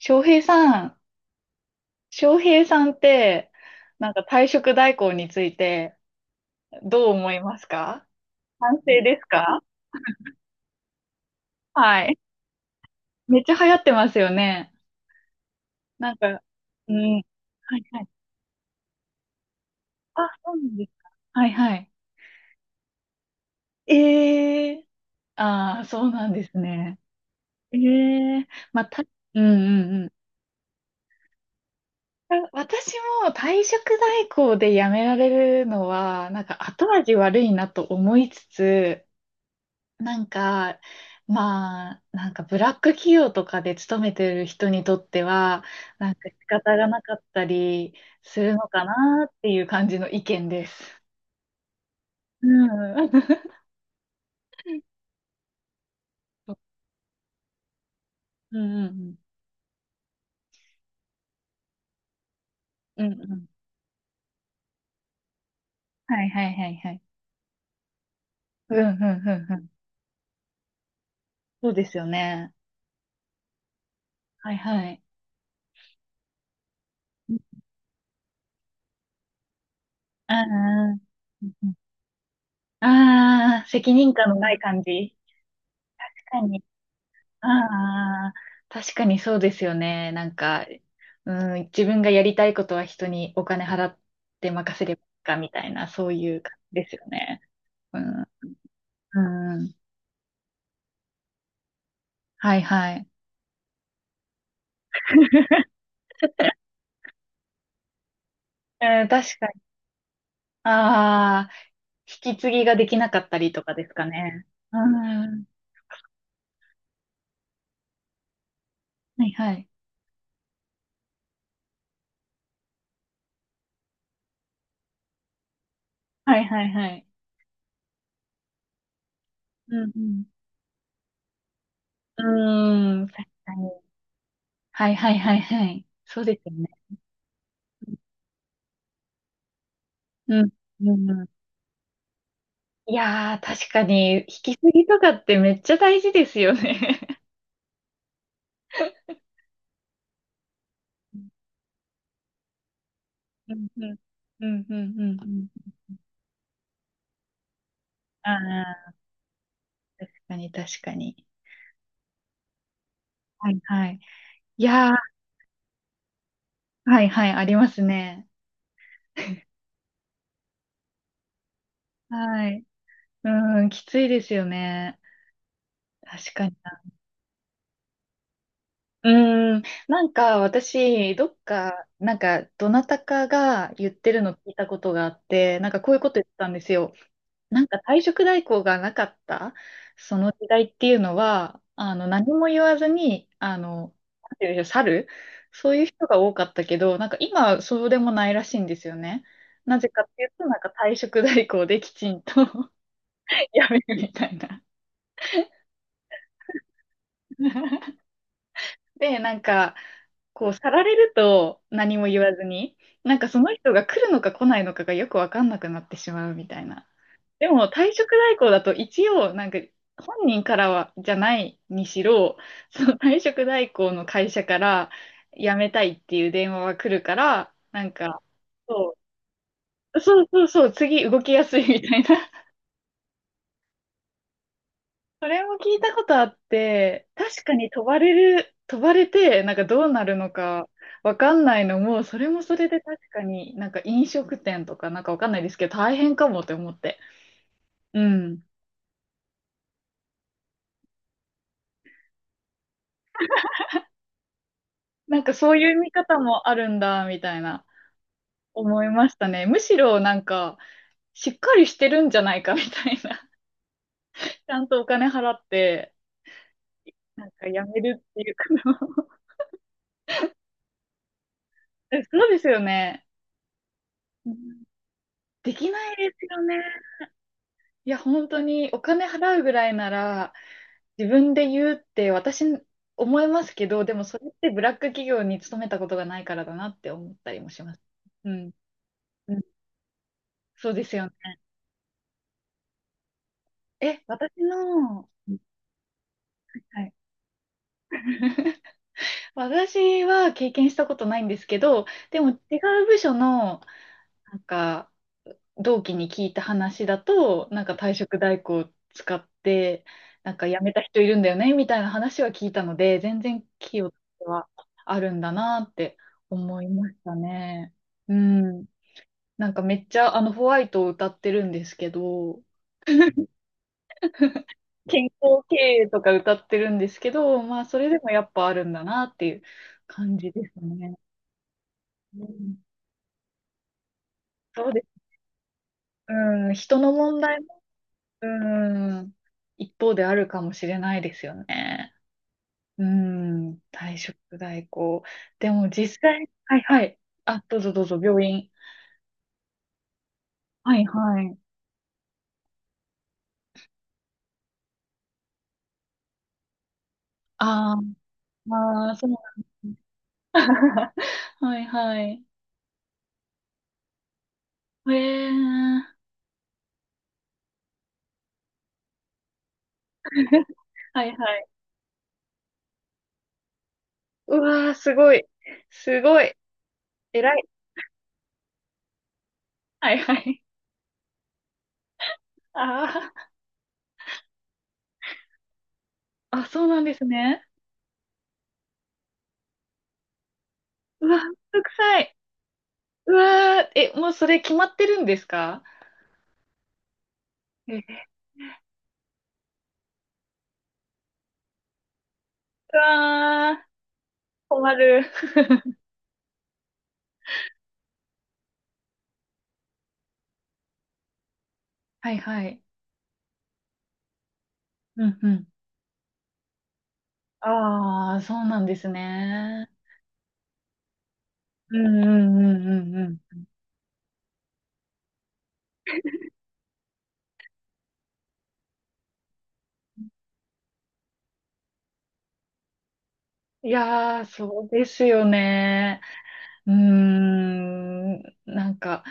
翔平さん、翔平さんって、退職代行についてどう思いますか？賛成ですか？はい。めっちゃ流行ってますよね。なんか、うん。はいはい。あ、そうなんですか。はいはい。ええー、ああー、そうなんですね。ええー、まあ、た、うんうんうん。私も退職代行で辞められるのは、なんか後味悪いなと思いつつ、なんか、まあ、なんかブラック企業とかで勤めてる人にとっては、なんか仕方がなかったりするのかなっていう感じの意見です。うん。うんうんうん。うんうん。はいはいはいはい。うんうんうんうん。そうですよね。はいはい。ああ、うんうん。ああ、責任感のない感じ。確かに。ああ、確かにそうですよね。うん、自分がやりたいことは人にお金払って任せればいいかみたいな、そういう感じですよね。うん、うん、はいはい。うん、確かに。ああ、引き継ぎができなかったりとかですかね。うん、はいはい。はいはいはい。うん、うん、うん、確かに。はいはいはいはい。そうですよね。うん、うん、いやー、確かに、引き継ぎとかってめっちゃ大事ですよね。うんうんうんうんうんうん。ああ、確かに確かに。はいはい。いやー、はいはい、ありますね。はい。うん、きついですよね。確かにな。うん、私、どっか、なんか、どなたかが言ってるの聞いたことがあって、なんかこういうこと言ってたんですよ。なんか退職代行がなかったその時代っていうのは、あの、何も言わずに、あの、なんていうんでしょう、去るそういう人が多かったけど、なんか今はそうでもないらしいんですよね。なぜかっていうと、なんか退職代行できちんと やめるみたいな。で、なんか、こう、去られると何も言わずに、なんかその人が来るのか来ないのかがよくわかんなくなってしまうみたいな。でも退職代行だと一応なんか本人からはじゃないにしろ、その退職代行の会社から辞めたいっていう電話は来るから、そそうそうそう、次動きやすいみたいな。それも聞いたことあって、確かに飛ばれて、なんかどうなるのかわかんないのも、それもそれで確かになんか飲食店とかなんかわかんないですけど、大変かもって思って。うん。なんかそういう見方もあるんだ、みたいな。思いましたね。むしろしっかりしてるんじゃないかみたいな。ちゃんとお金払って、なんかやめるっていうか えそうですよね。うん、できないですよね。いや、本当にお金払うぐらいなら、自分で言うって私思いますけど、でもそれってブラック企業に勤めたことがないからだなって思ったりもします。うん。うん、そうですよね。え、私の、はい。私は経験したことないんですけど、でも違う部署の、なんか、同期に聞いた話だと、なんか退職代行を使って、なんか辞めた人いるんだよね、みたいな話は聞いたので、全然企業はあるんだなって思いましたね。うん。なんかめっちゃ、あの、ホワイトを歌ってるんですけど、健康経営とか歌ってるんですけど、まあ、それでもやっぱあるんだなっていう感じですね。うん、そうです。うん、人の問題も、うん、一方であるかもしれないですよね。うん、退職代行。でも実際、はいはい。あ、どうぞどうぞ、病院。はいはい。あー、まあー、そうなんですね。はいはい。えー、はいはい。うわー、すごい。すごい。偉い。はいはい。あーあ、そうなんですね。うわ、めんどくさい。うわー、え、もうそれ決まってるんですか？え、うわー、困る。はいはい。うんうん。ああ、そうなんですね。うんうんうんうんうん。いやー、そうですよね。うーん、なんか、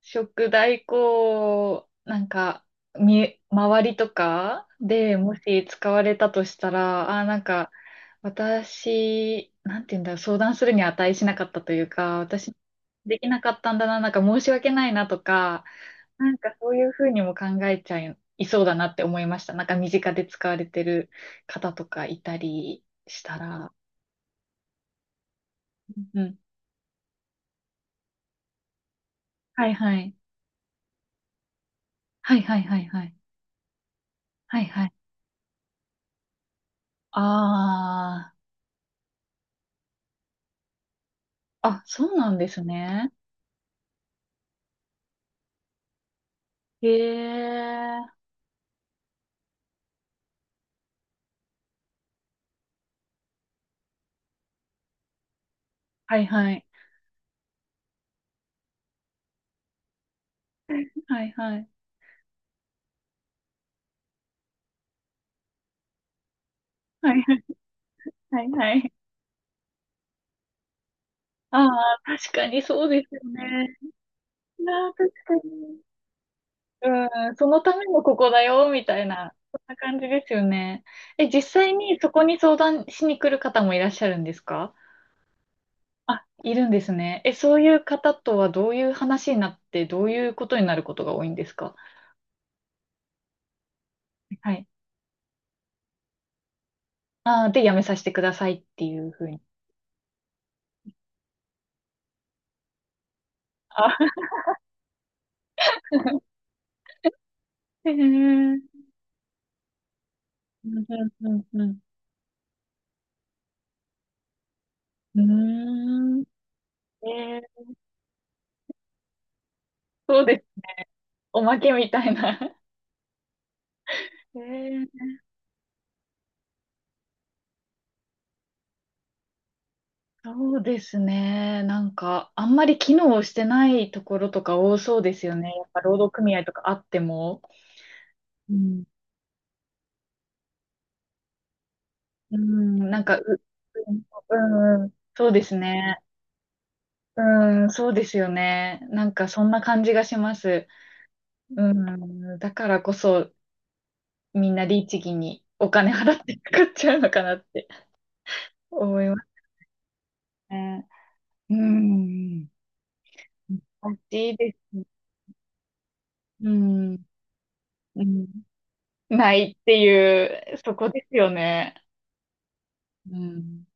食代行、周りとかでもし使われたとしたら、あー、私、なんて言うんだろう、相談するに値しなかったというか、私、できなかったんだな、なんか申し訳ないなとか、なんかそういうふうにも考えちゃいそうだなって思いました。なんか身近で使われてる方とかいたりしたら。うん。はいはい。はいはいはいはい。はいはい。ああ。あ、そうなんですね。へえ。はいはい。はいはい。はいはいはいはい。ああ、確かにそうですよね。ああ、確かに。うん、そのためのここだよ、みたいな、そんな感じですよね。え、実際にそこに相談しに来る方もいらっしゃるんですか？あ、いるんですね。え、そういう方とはどういう話になって、どういうことになることが多いんですか？はい。あー、で、やめさせてくださいっていうふうに。あ、へえ、うんうんうんうん。うーん、えー、そうです。おまけみたいな。えー、そうですね。なんか、あんまり機能してないところとか多そうですよね。やっぱ労働組合とかあっても。うん。うん、なんか、う、うん、うんそうですね。うん、そうですよね。なんか、そんな感じがします。うん、だからこそ、みんな律儀にお金払ってかっちゃうのかなって思いますね。うん、難しいです。うん、うん、ないっていう、そこですよね。うん。